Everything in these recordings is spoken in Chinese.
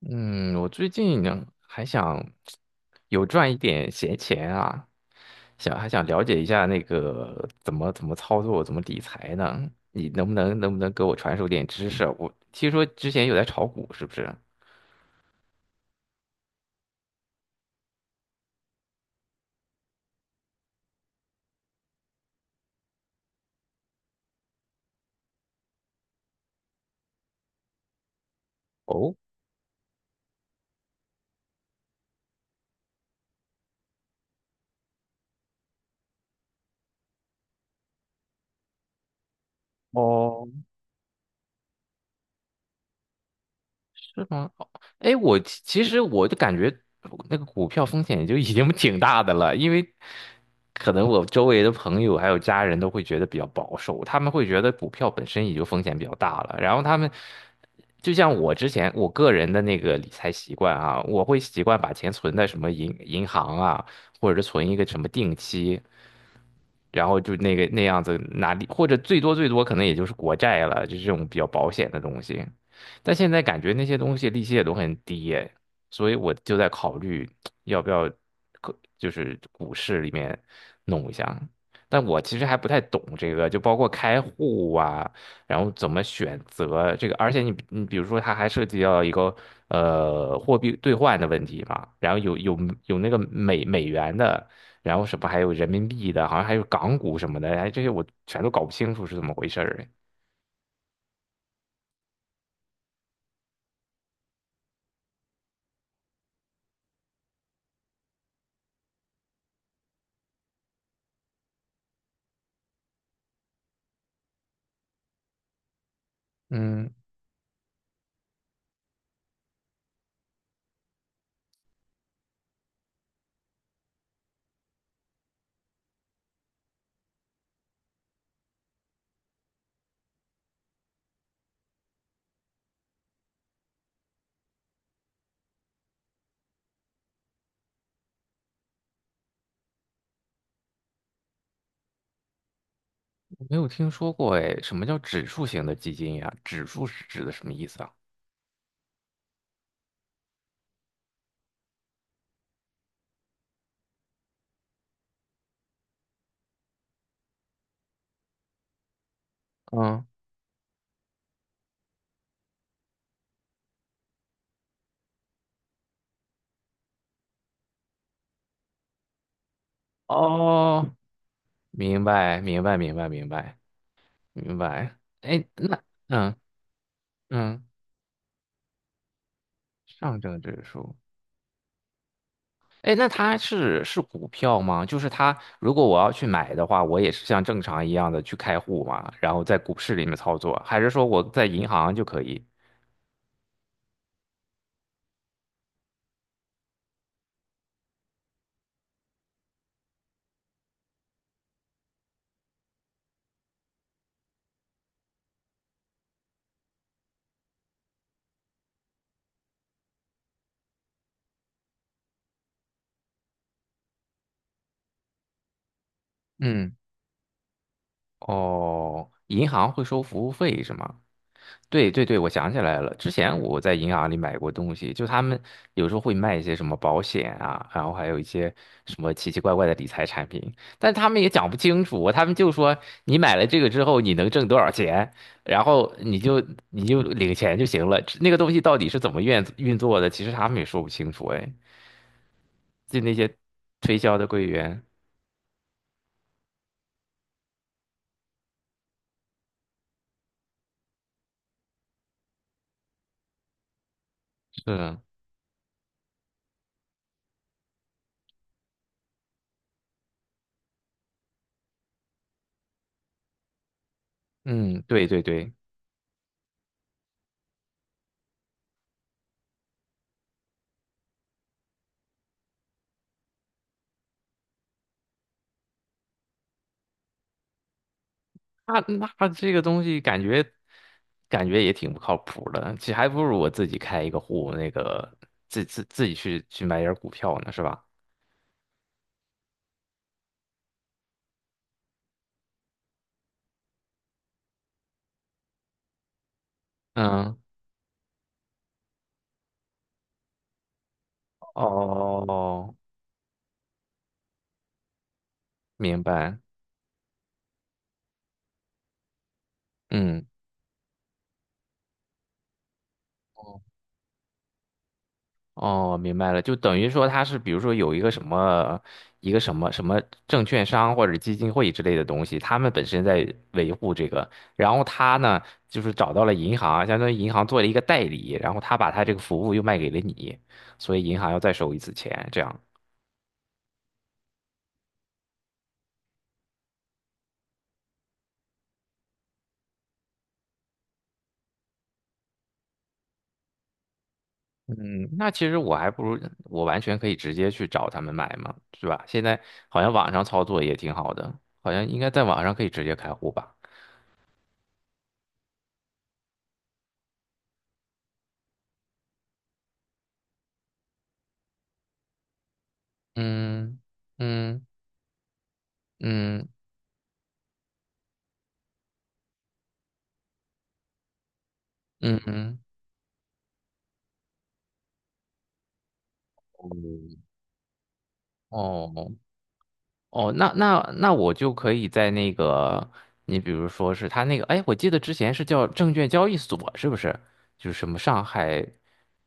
嗯，我最近呢还想有赚一点闲钱啊，想了解一下那个怎么操作，怎么理财呢？你能不能给我传授点知识啊。我听说之前有在炒股，是不是？哦哦，是吗？哦。哎，我其实就感觉那个股票风险也就已经 挺大的了，因为可能我周围的朋友还有家人都会觉得比较保守，他们会觉得股票本身也就风险比较大了。然后他们就像我之前我个人的那个理财习惯啊，我会习惯把钱存在什么银行啊，或者是存一个什么定期，然后就那个那样子拿利，或者最多最多可能也就是国债了，就是这种比较保险的东西。但现在感觉那些东西利息也都很低耶。所以我就在考虑要不要，可就是股市里面弄一下。但我其实还不太懂这个，就包括开户啊，然后怎么选择这个，而且你比如说，它还涉及到一个货币兑换的问题嘛，然后有那个美元的。然后什么还有人民币的，好像还有港股什么的，哎，这些我全都搞不清楚是怎么回事儿哎。嗯，没有听说过哎，什么叫指数型的基金呀？指数是指的什么意思啊？嗯。哦，明白，明白，明白，明白，明白。哎，那嗯嗯，上证指数。哎，那它是股票吗？就是它，如果我要去买的话，我也是像正常一样的去开户嘛，然后在股市里面操作，还是说我在银行就可以？嗯。哦，银行会收服务费是吗？对对对，我想起来了，之前我在银行里买过东西，就他们有时候会卖一些什么保险啊，然后还有一些什么奇奇怪怪的理财产品，但他们也讲不清楚，他们就说你买了这个之后你能挣多少钱，然后你就领钱就行了。那个东西到底是怎么运作的，其实他们也说不清楚。哎，就那些推销的柜员，是，嗯，对对对。那那这个东西感觉也挺不靠谱的，其实还不如我自己开一个户，那个自己去买点儿股票呢，是吧？嗯。哦，明白。嗯。哦，明白了，就等于说他是，比如说有一个什么证券商或者基金会之类的东西，他们本身在维护这个，然后他呢就是找到了银行，相当于银行做了一个代理，然后他把他这个服务又卖给了你，所以银行要再收一次钱，这样。嗯，那其实我还不如我完全可以直接去找他们买嘛，是吧？现在好像网上操作也挺好的，好像应该在网上可以直接开户吧？嗯嗯嗯嗯嗯。哦哦，那我就可以在那个，你比如说是他那个。哎，我记得之前是叫证券交易所，是不是？就是什么上海，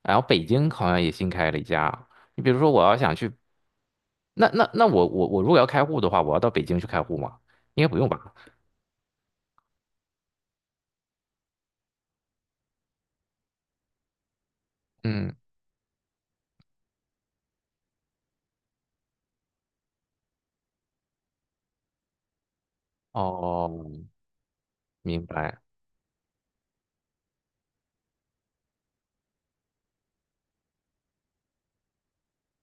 然后北京好像也新开了一家。你比如说我要想去，那我如果要开户的话，我要到北京去开户吗？应该不用吧？嗯。哦，明白。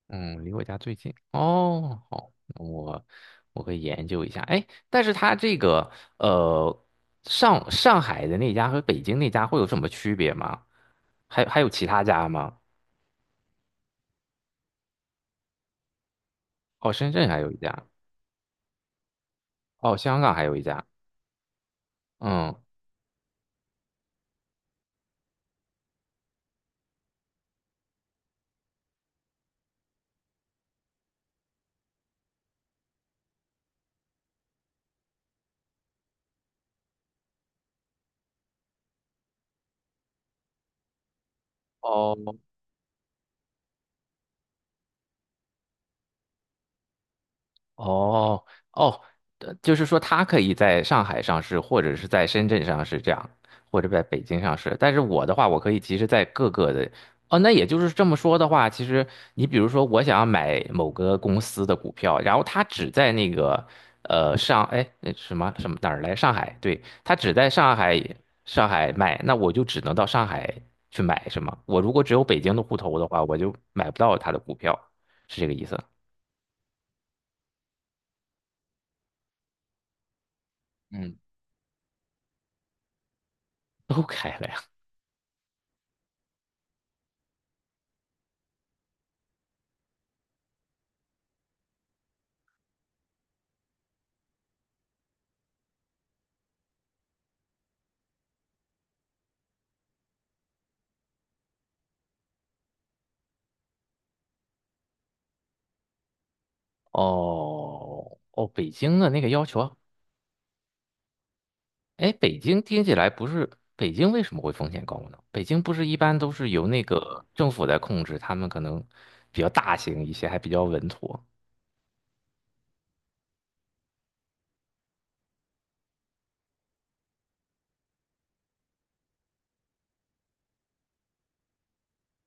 嗯，离我家最近哦，好，那我可以研究一下。哎，但是它这个呃，上海的那家和北京那家会有什么区别吗？还有其他家吗？哦，深圳还有一家。哦，香港还有一家，嗯。哦哦哦，就是说他可以在上海上市，或者是在深圳上市这样，或者在北京上市。但是我的话，我可以其实在各个的。哦，那也就是这么说的话，其实你比如说，我想要买某个公司的股票，然后它只在那个上，哎，那什么什么哪儿来？上海，对，它只在上海卖，那我就只能到上海去买，是吗？我如果只有北京的户头的话，我就买不到它的股票，是这个意思？嗯，都开了呀。哦哦，北京的那个要求啊。哎，北京听起来不是北京为什么会风险高呢？北京不是一般都是由那个政府在控制，他们可能比较大型一些，还比较稳妥。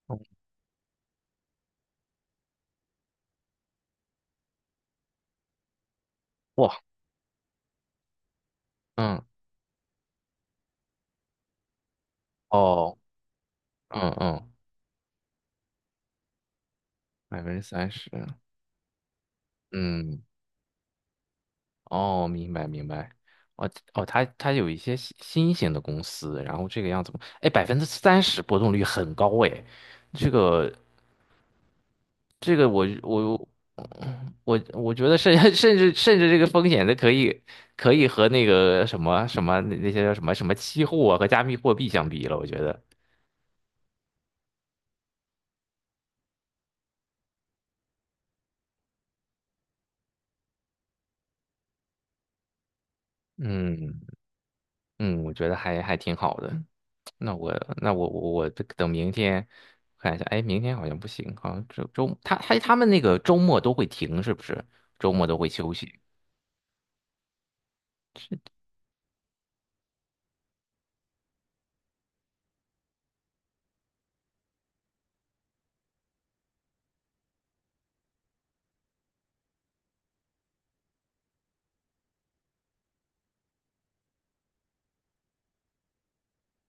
嗯，哇，嗯。哦。嗯嗯，百分之三十。嗯。哦，明白明白。哦哦，它有一些新型的公司，然后这个样子。哎，百分之三十波动率很高哎，这个。这个我觉得甚 甚至这个风险的可以和那个什么什么那些叫什么什么期货啊和加密货币相比了，我觉得。嗯嗯，我觉得还挺好的。那我那我等明天看一下。哎，明天好像不行，好像他们那个周末都会停，是不是？周末都会休息。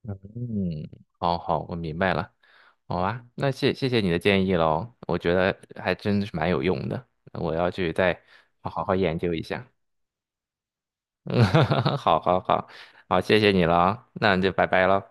嗯，好好，我明白了。好啊，那谢谢你的建议喽，我觉得还真是蛮有用的，我要去再好好研究一下。嗯，好好好，好，谢谢你了啊，那就拜拜喽。